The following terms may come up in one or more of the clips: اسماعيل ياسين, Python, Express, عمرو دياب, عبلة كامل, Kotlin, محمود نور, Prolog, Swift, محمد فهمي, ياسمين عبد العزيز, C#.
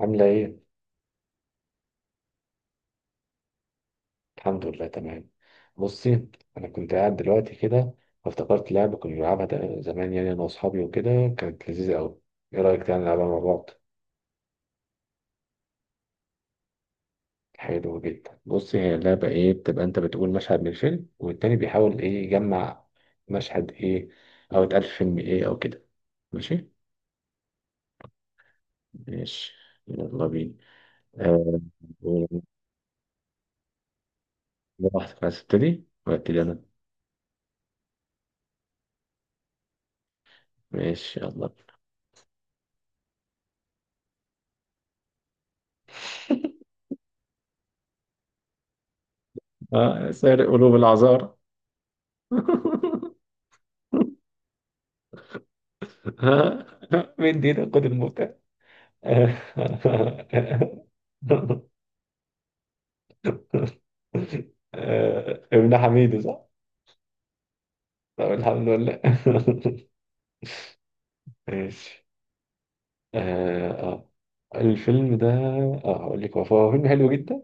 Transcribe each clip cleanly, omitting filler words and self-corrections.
عاملة إيه؟ الحمد لله تمام. بصي، أنا كنت قاعد دلوقتي كده، فافتكرت لعبة كنا بنلعبها زمان، يعني أنا وأصحابي وكده. كانت لذيذة أوي. إيه رأيك تعالى نلعبها مع بعض؟ حلو جدا. بصي، هي اللعبة إيه، بتبقى أنت بتقول مشهد من فيلم والتاني بيحاول إيه يجمع مشهد إيه أو اتقال في فيلم إيه أو كده. ماشي؟ ماشي، يلا بينا. أه براحتك، عايز تبتدي؟ ولا أبتدي أنا؟ ماشي يلا. آه، سارق قلوب العذار. ها. مين دينا قد الموتى. آه، ابن حميد، صح؟ طب الحمد لله. ماشي. اه آه. الفيلم ده، اه هقول لك، هو فيلم حلو جدا.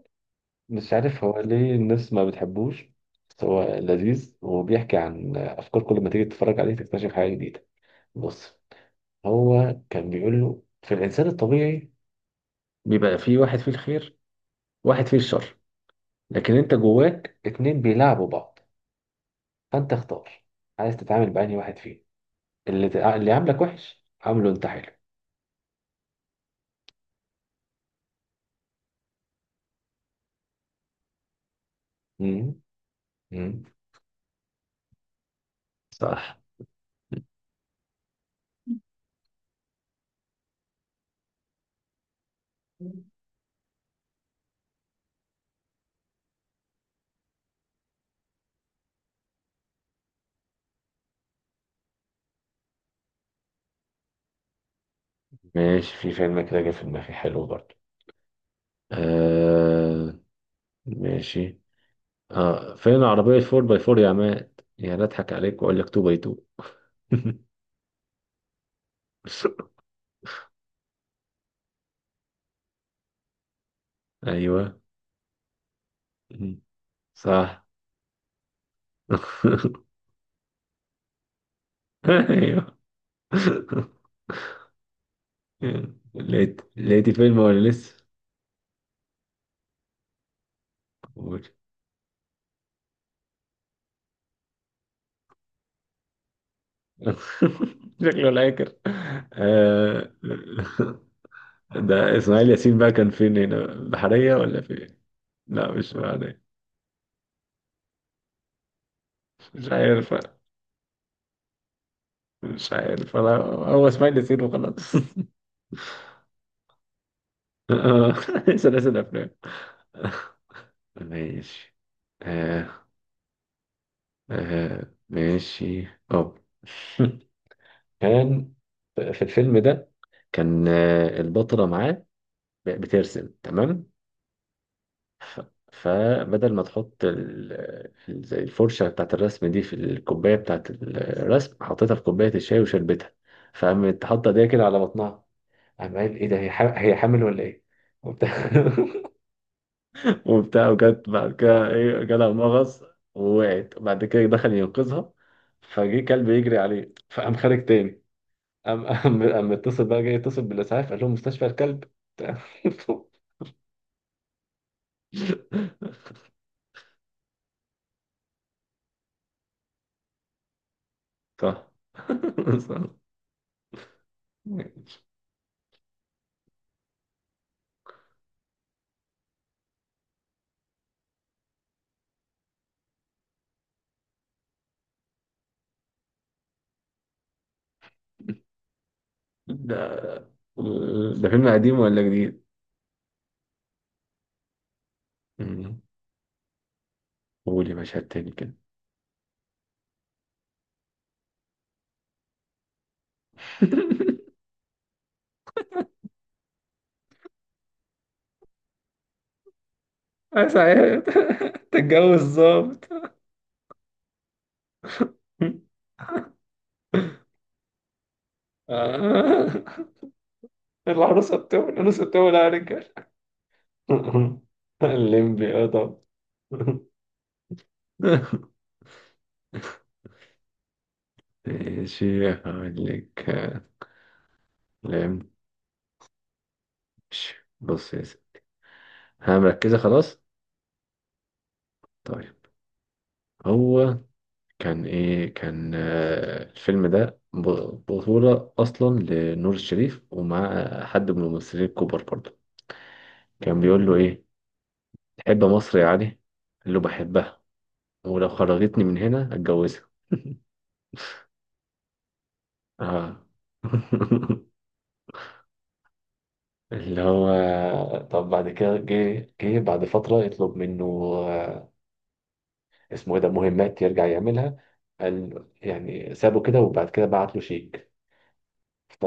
مش عارف هو ليه الناس ما بتحبوش، بس هو لذيذ وبيحكي عن افكار. كل ما تيجي تتفرج عليه تكتشف حاجه جديده. بص، هو كان بيقول له في الانسان الطبيعي بيبقى فيه واحد فيه الخير، واحد فيه الشر، لكن انت جواك اتنين بيلعبوا بعض. فانت اختار عايز تتعامل بأنهي واحد فيهم. اللي عاملك وحش عامله انت حلو. مم. مم. صح. ماشي، في فيلم كده جه في دماغي حلو برضه. آه ماشي. اه، فين عربية 4 باي 4 يا عماد؟ يا لا، اضحك عليك واقول لك 2 باي 2. ايوه. مم. صح. ايوه. لقيت الفيلم ولا لسه؟ قول. شكله لا ياكل. آه. ده اسماعيل ياسين بقى، كان فين، هنا بحرية ولا فين؟ لا مش بحرية. مش عارف. مش عارف، انا هو اسماعيل ياسين وخلاص. آه. سلاسل افلام. ماشي. آه. آه ماشي اه. كان في الفيلم ده كان، آه، البطلة معاه بترسم، تمام؟ ف... فبدل ما تحط زي الفرشة بتاعت الرسم دي في الكوباية بتاعت الرسم، حطيتها في كوباية الشاي وشربتها. فقامت حاطة ايديها كده على بطنها، قام قال ايه ده، هي حامل ولا ايه؟ وبتاع. وبتاع، وجت بعد كده ايه، جالها مغص ووقعت، وبعد كده دخل ينقذها، فجه كلب يجري عليه فقام خارج تاني. قام اتصل بقى، جاي يتصل بالاسعاف قال لهم مستشفى الكلب. صح. صح. ده فيلم قديم ولا جديد؟ مم. قولي مشهد تاني كده. سعيد. تتجوز ظابط. آه. العروسة بتولع، العروسة بتولع يا رجال. الليمبي، اه طبعا. ماشي، هقول لك. لم- ماشي. بص يا سيدي. ها مركزة؟ خلاص. طيب، هو كان ايه، كان، آه، الفيلم ده بطولة اصلا لنور الشريف، ومع حد من الممثلين الكبار برضه. كان بيقول له ايه، تحب مصر يا علي؟ قال له بحبها، ولو خرجتني من هنا اتجوزها. اه. اللي هو، طب بعد كده جه بعد فترة يطلب منه، آه، اسمه ايه ده، مهمات يرجع يعملها. قال يعني سابه كده، وبعد كده بعت له شيك. ف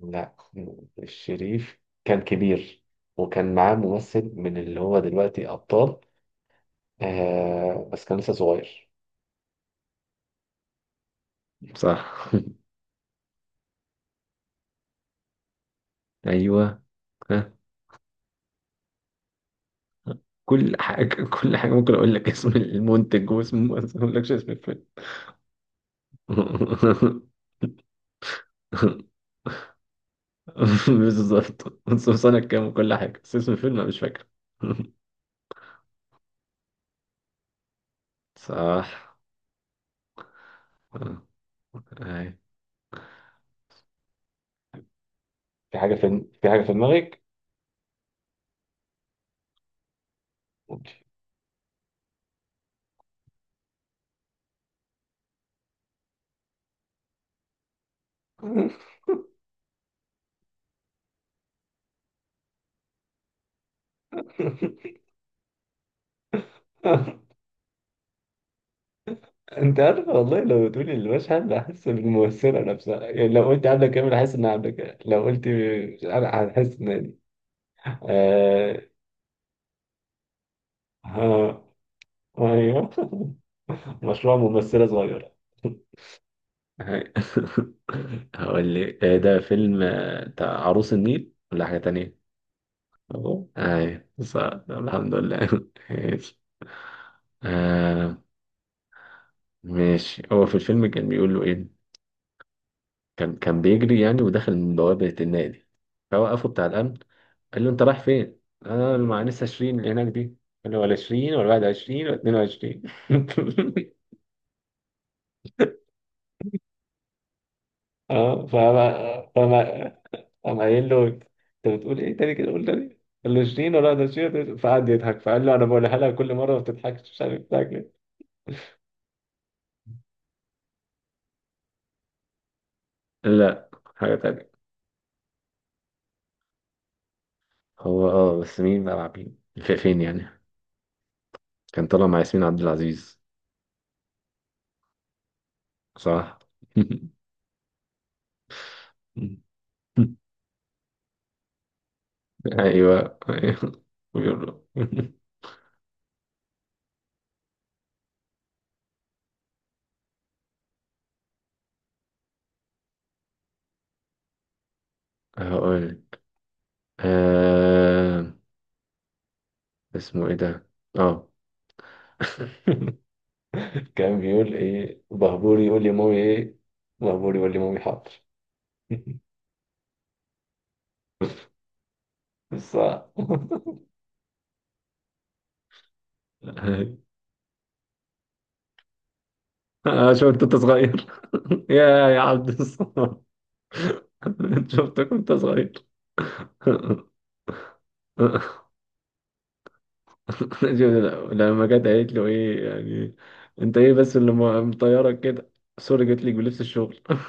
لا، الشريف كان كبير، وكان معاه ممثل من اللي هو دلوقتي أبطال، آه، بس كان لسه صغير. صح. ايوه. كل حاجة، كل حاجة ممكن أقول لك، اسم المنتج واسم، بس ما أقولكش اسم الفيلم. بالظبط، بس سنة كام وكل حاجة، بس اسم الفيلم أنا مش فاكر. صح. آه. أي. في حاجة، في حاجة في دماغك؟ أنت عارف والله، لو تقولي المشهد هحس بالممثلة نفسها، يعني لو قلت عبلة كامل هحس إنها عبلة كامل، لو قلت أنا هحس إن، آه... آه. ايوه. مشروع ممثلة صغيرة. هاي. هقول لك، آه، ده فيلم، آه، بتاع عروس النيل ولا حاجة تانية؟ اهو، اي صح، طب الحمد لله. ماشي. آه ماشي. هو في الفيلم كان بيقول له ايه، كان بيجري يعني، ودخل من بوابة النادي فوقفه بتاع الأمن. قال له انت رايح فين؟ انا مع لسه 20 اللي هناك دي. قال له ولا 20 ولا 21 ولا 22. اه، فاهمة. قام قايل له انت بتقول ايه تاني كده، قول تاني. قال له شيرين ولا ده شيرين، فقعد يضحك، فقال له انا بقولها لها كل مره ما بتضحكش، مش عارف بتضحك ليه. لا، حاجة تانية. هو اه، بس مين بقى مع مين، فين يعني؟ كان طالع مع ياسمين عبد العزيز. صح. ايوه ايوه، بيقول له. هقول، آه... اسمه ايه ده، اه. كان بيقول ايه، بهبوري يقول لي مامي ايه، بهبوري يقول لي مامي حاضر. بس. آه. أنا شفت أنت صغير. يا عبد الصمد. شفتك وأنت صغير. شوف، لما جت قالت له إيه يعني، أنت إيه بس مطيرك كده؟ سوري جت لك بلبس الشغل.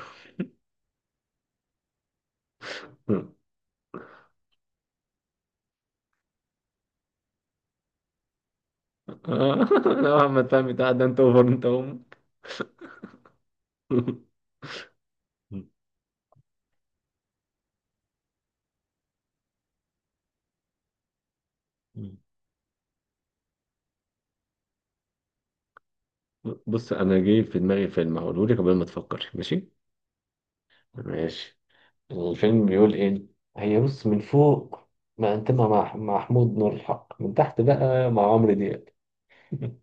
آه. لا محمد فهمي، ده أنت أوفر، أنت أم. بص أنا جاي في دماغي فيلم، هقوله لك قبل ما تفكر، ماشي؟ ماشي، الفيلم بيقول إيه، هي بص من فوق، ما أنت مع محمود نور الحق، من تحت بقى مع عمرو دياب.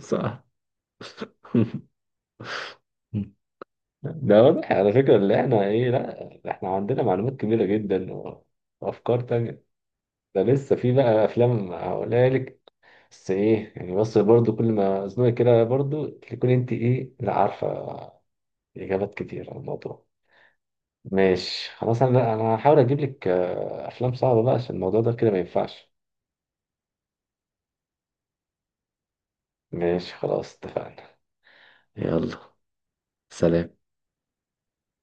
صح. ده واضح على فكرة اللي احنا ايه، لا احنا عندنا معلومات كبيرة جدا وافكار تانية. ده لسه في بقى افلام هقولها لك، بس ايه يعني، بس برضو كل ما ازنقي كده برضو تكون انت ايه، لا عارفة اجابات كتير عن الموضوع. ماشي خلاص، انا لا، انا هحاول اجيب لك، آه، افلام صعبة بقى، عشان الموضوع ده كده ما ينفعش. ماشي خلاص اتفقنا. يلا. سلام.